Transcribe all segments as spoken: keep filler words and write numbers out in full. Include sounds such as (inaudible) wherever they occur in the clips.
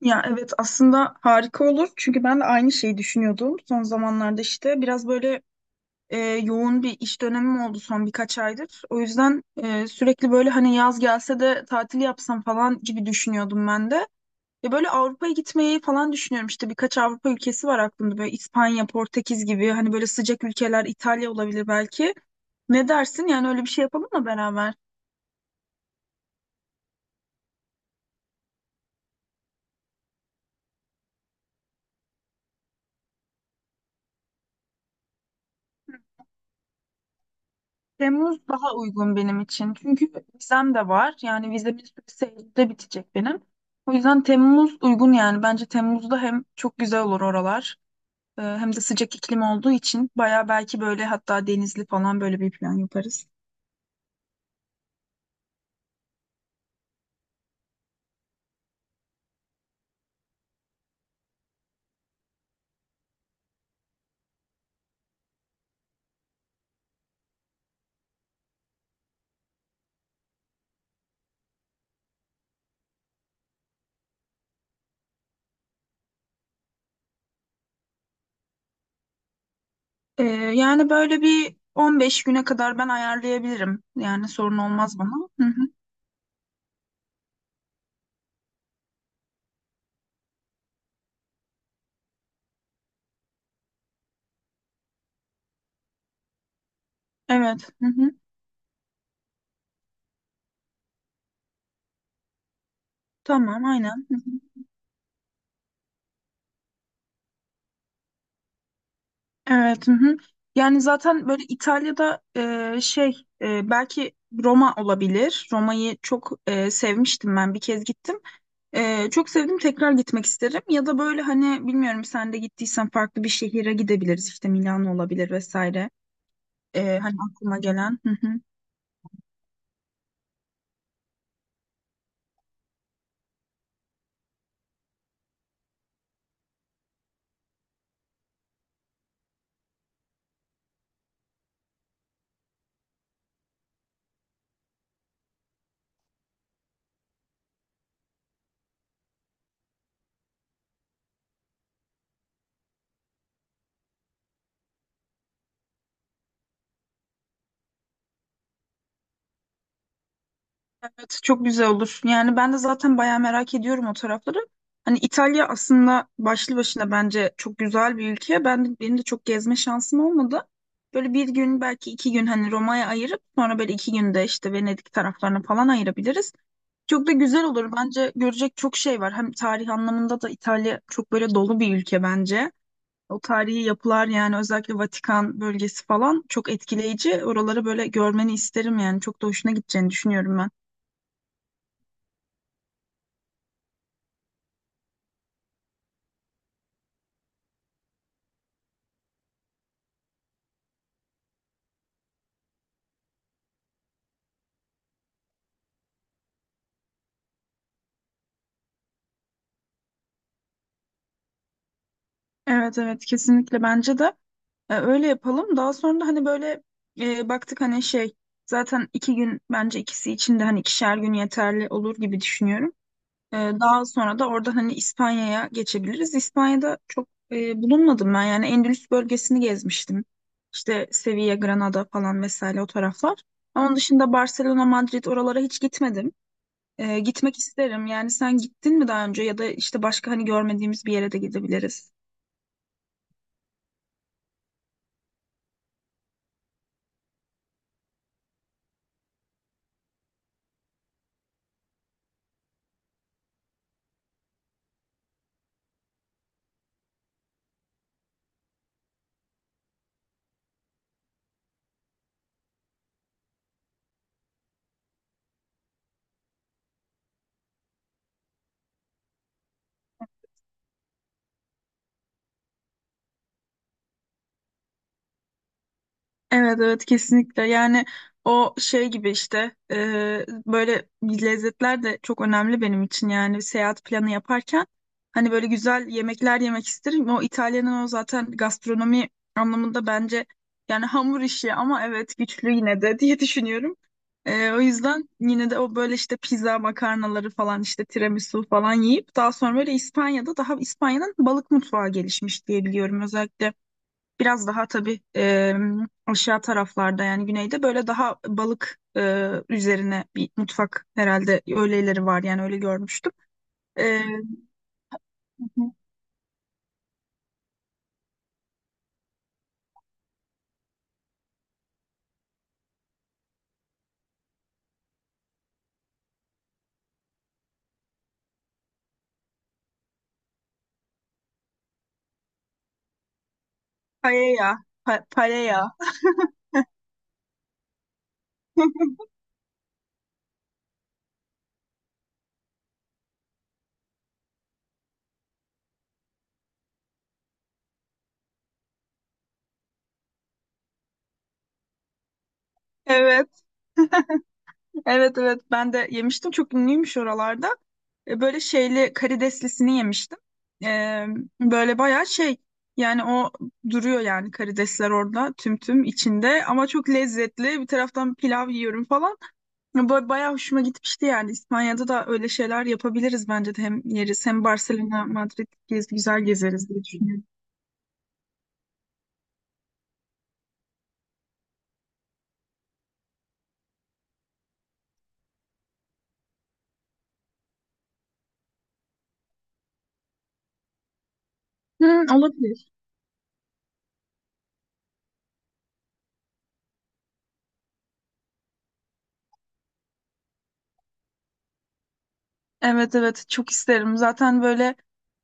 Ya evet, aslında harika olur çünkü ben de aynı şeyi düşünüyordum son zamanlarda. İşte biraz böyle e, yoğun bir iş dönemim oldu son birkaç aydır. O yüzden e, sürekli böyle hani yaz gelse de tatil yapsam falan gibi düşünüyordum ben de. Ve böyle Avrupa'ya gitmeyi falan düşünüyorum. İşte birkaç Avrupa ülkesi var aklımda, böyle İspanya, Portekiz gibi, hani böyle sıcak ülkeler. İtalya olabilir belki. Ne dersin, yani öyle bir şey yapalım mı beraber? Temmuz daha uygun benim için. Çünkü vizem de var. Yani vizemin süresi Eylül'de bitecek benim. O yüzden Temmuz uygun yani. Bence Temmuz'da hem çok güzel olur oralar. e, Hem de sıcak iklim olduğu için baya, belki böyle hatta denizli falan, böyle bir plan yaparız. E, Yani böyle bir on beş güne kadar ben ayarlayabilirim. Yani sorun olmaz bana. Hı hı. Evet. Hı hı. Tamam, aynen. Evet. Hı hı. Yani zaten böyle İtalya'da, e, şey e, belki Roma olabilir. Roma'yı çok e, sevmiştim, ben bir kez gittim. E, çok sevdim, tekrar gitmek isterim. Ya da böyle hani, bilmiyorum, sen de gittiysen farklı bir şehire gidebiliriz. İşte Milano olabilir vesaire. E, hani aklıma gelen. Hı hı. Evet, çok güzel olur. Yani ben de zaten bayağı merak ediyorum o tarafları. Hani İtalya aslında başlı başına bence çok güzel bir ülke. Ben de, benim de çok gezme şansım olmadı. Böyle bir gün, belki iki gün hani Roma'ya ayırıp sonra böyle iki günde işte Venedik taraflarına falan ayırabiliriz. Çok da güzel olur. Bence görecek çok şey var. Hem tarih anlamında da İtalya çok böyle dolu bir ülke bence. O tarihi yapılar, yani özellikle Vatikan bölgesi falan çok etkileyici. Oraları böyle görmeni isterim yani. Çok da hoşuna gideceğini düşünüyorum ben. Evet evet, kesinlikle bence de e, öyle yapalım. Daha sonra da hani böyle e, baktık hani şey, zaten iki gün bence ikisi için de, hani ikişer gün yeterli olur gibi düşünüyorum. E, daha sonra da orada hani İspanya'ya geçebiliriz. İspanya'da çok e, bulunmadım ben, yani Endülüs bölgesini gezmiştim. İşte Sevilla, Granada falan vesaire, o taraflar. Onun dışında Barcelona, Madrid, oralara hiç gitmedim. E, gitmek isterim. Yani sen gittin mi daha önce, ya da işte başka hani görmediğimiz bir yere de gidebiliriz. Evet evet, kesinlikle yani. O şey gibi işte e, Böyle lezzetler de çok önemli benim için, yani seyahat planı yaparken hani böyle güzel yemekler yemek isterim. O İtalya'nın, o zaten gastronomi anlamında bence, yani hamur işi ama evet güçlü yine de (laughs) diye düşünüyorum. E, o yüzden yine de o böyle işte pizza makarnaları falan, işte tiramisu falan yiyip daha sonra böyle İspanya'da, daha İspanya'nın balık mutfağı gelişmiş diye biliyorum özellikle. Biraz daha tabii e, aşağı taraflarda, yani güneyde, böyle daha balık e, üzerine bir mutfak herhalde, öyleleri var yani, öyle görmüştüm. E, Paella, pa- paella. (laughs) Evet, evet, evet. Ben de yemiştim. Çok ünlüymüş oralarda. E, Böyle şeyli karideslisini yemiştim. E, Böyle bayağı şey, yani o duruyor yani, karidesler orada tüm tüm içinde ama çok lezzetli. Bir taraftan pilav yiyorum falan. E, Ba- Bayağı hoşuma gitmişti yani. İspanya'da da öyle şeyler yapabiliriz bence de. Hem yeriz, hem Barcelona, Madrid gez, güzel gezeriz diye düşünüyorum. Hı, olabilir. Evet evet, çok isterim. Zaten böyle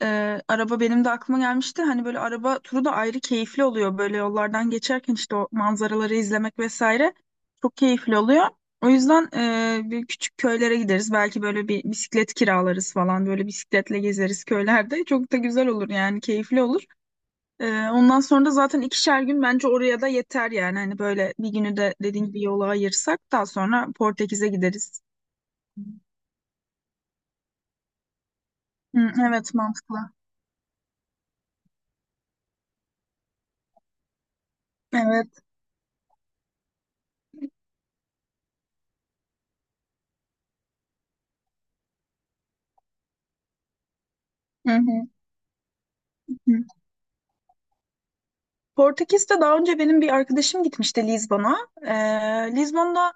e, araba benim de aklıma gelmişti. Hani böyle araba turu da ayrı keyifli oluyor. Böyle yollardan geçerken işte o manzaraları izlemek vesaire, çok keyifli oluyor. O yüzden e, bir küçük köylere gideriz. Belki böyle bir bisiklet kiralarız falan. Böyle bisikletle gezeriz köylerde. (laughs) Çok da güzel olur yani, keyifli olur. E, ondan sonra da zaten ikişer gün bence oraya da yeter yani. Hani böyle bir günü de dediğin gibi yola ayırsak, daha sonra Portekiz'e gideriz. Hı, evet mantıklı. Evet. Hı hı. Hı. Portekiz'de daha önce benim bir arkadaşım gitmişti Lizbon'a. Ee, Lizbon'da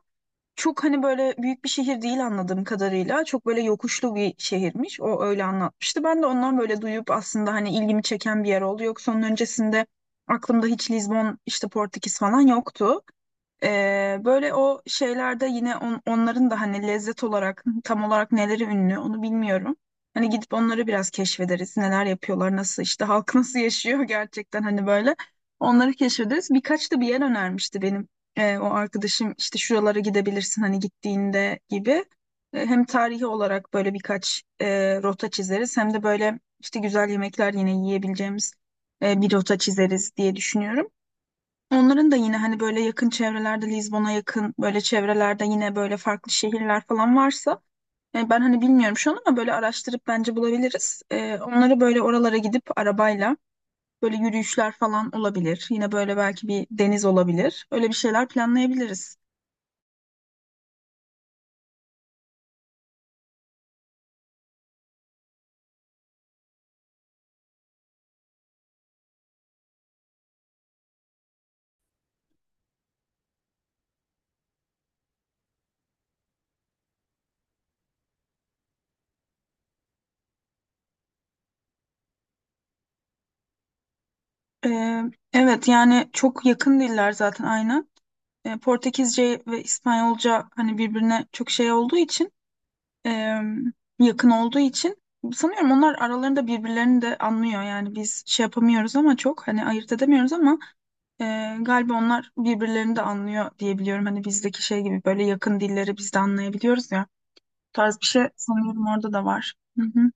çok hani böyle büyük bir şehir değil anladığım kadarıyla. Çok böyle yokuşlu bir şehirmiş. O öyle anlatmıştı. Ben de ondan böyle duyup aslında hani ilgimi çeken bir yer oldu. Yoksa onun öncesinde aklımda hiç Lizbon, işte Portekiz falan yoktu. Ee, böyle o şeylerde yine on- onların da hani lezzet olarak (laughs) tam olarak neleri ünlü onu bilmiyorum. Hani gidip onları biraz keşfederiz. Neler yapıyorlar, nasıl işte, halk nasıl yaşıyor (laughs) gerçekten, hani böyle. Onları keşfederiz. Birkaç da bir yer önermişti benim ee, o arkadaşım, işte şuralara gidebilirsin hani gittiğinde gibi. Ee, hem tarihi olarak böyle birkaç e, rota çizeriz, hem de böyle işte güzel yemekler yine yiyebileceğimiz e, bir rota çizeriz diye düşünüyorum. Onların da yine hani böyle yakın çevrelerde, Lizbon'a yakın böyle çevrelerde yine böyle farklı şehirler falan varsa e, ben hani bilmiyorum şu an, ama böyle araştırıp bence bulabiliriz. E, onları böyle, oralara gidip arabayla böyle yürüyüşler falan olabilir. Yine böyle belki bir deniz olabilir. Öyle bir şeyler planlayabiliriz. E, evet, yani çok yakın diller zaten, aynen. E, Portekizce ve İspanyolca hani birbirine çok şey olduğu için, e, yakın olduğu için sanıyorum onlar aralarında birbirlerini de anlıyor. Yani biz şey yapamıyoruz, ama çok hani ayırt edemiyoruz, ama e, galiba onlar birbirlerini de anlıyor diyebiliyorum. Hani bizdeki şey gibi, böyle yakın dilleri biz de anlayabiliyoruz ya. Bu tarz bir şey sanıyorum orada da var. Hı hı.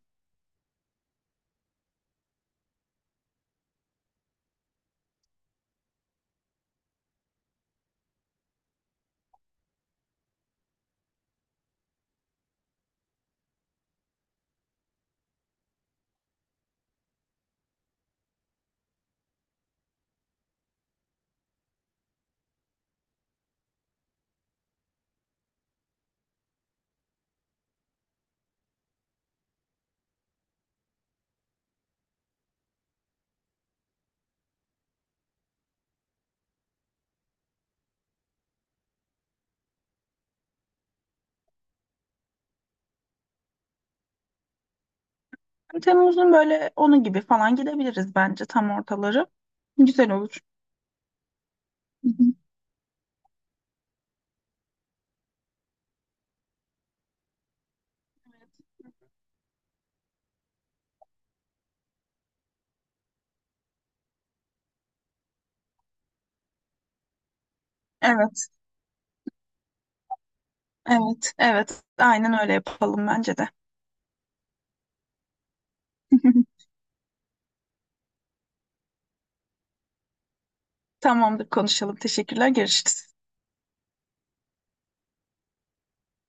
Hani Temmuz'un böyle onu gibi falan gidebiliriz bence, tam ortaları. Güzel olur. Hı hı. Evet, evet, evet. Aynen öyle yapalım bence de. (laughs) Tamamdır, konuşalım. Teşekkürler. Görüşürüz.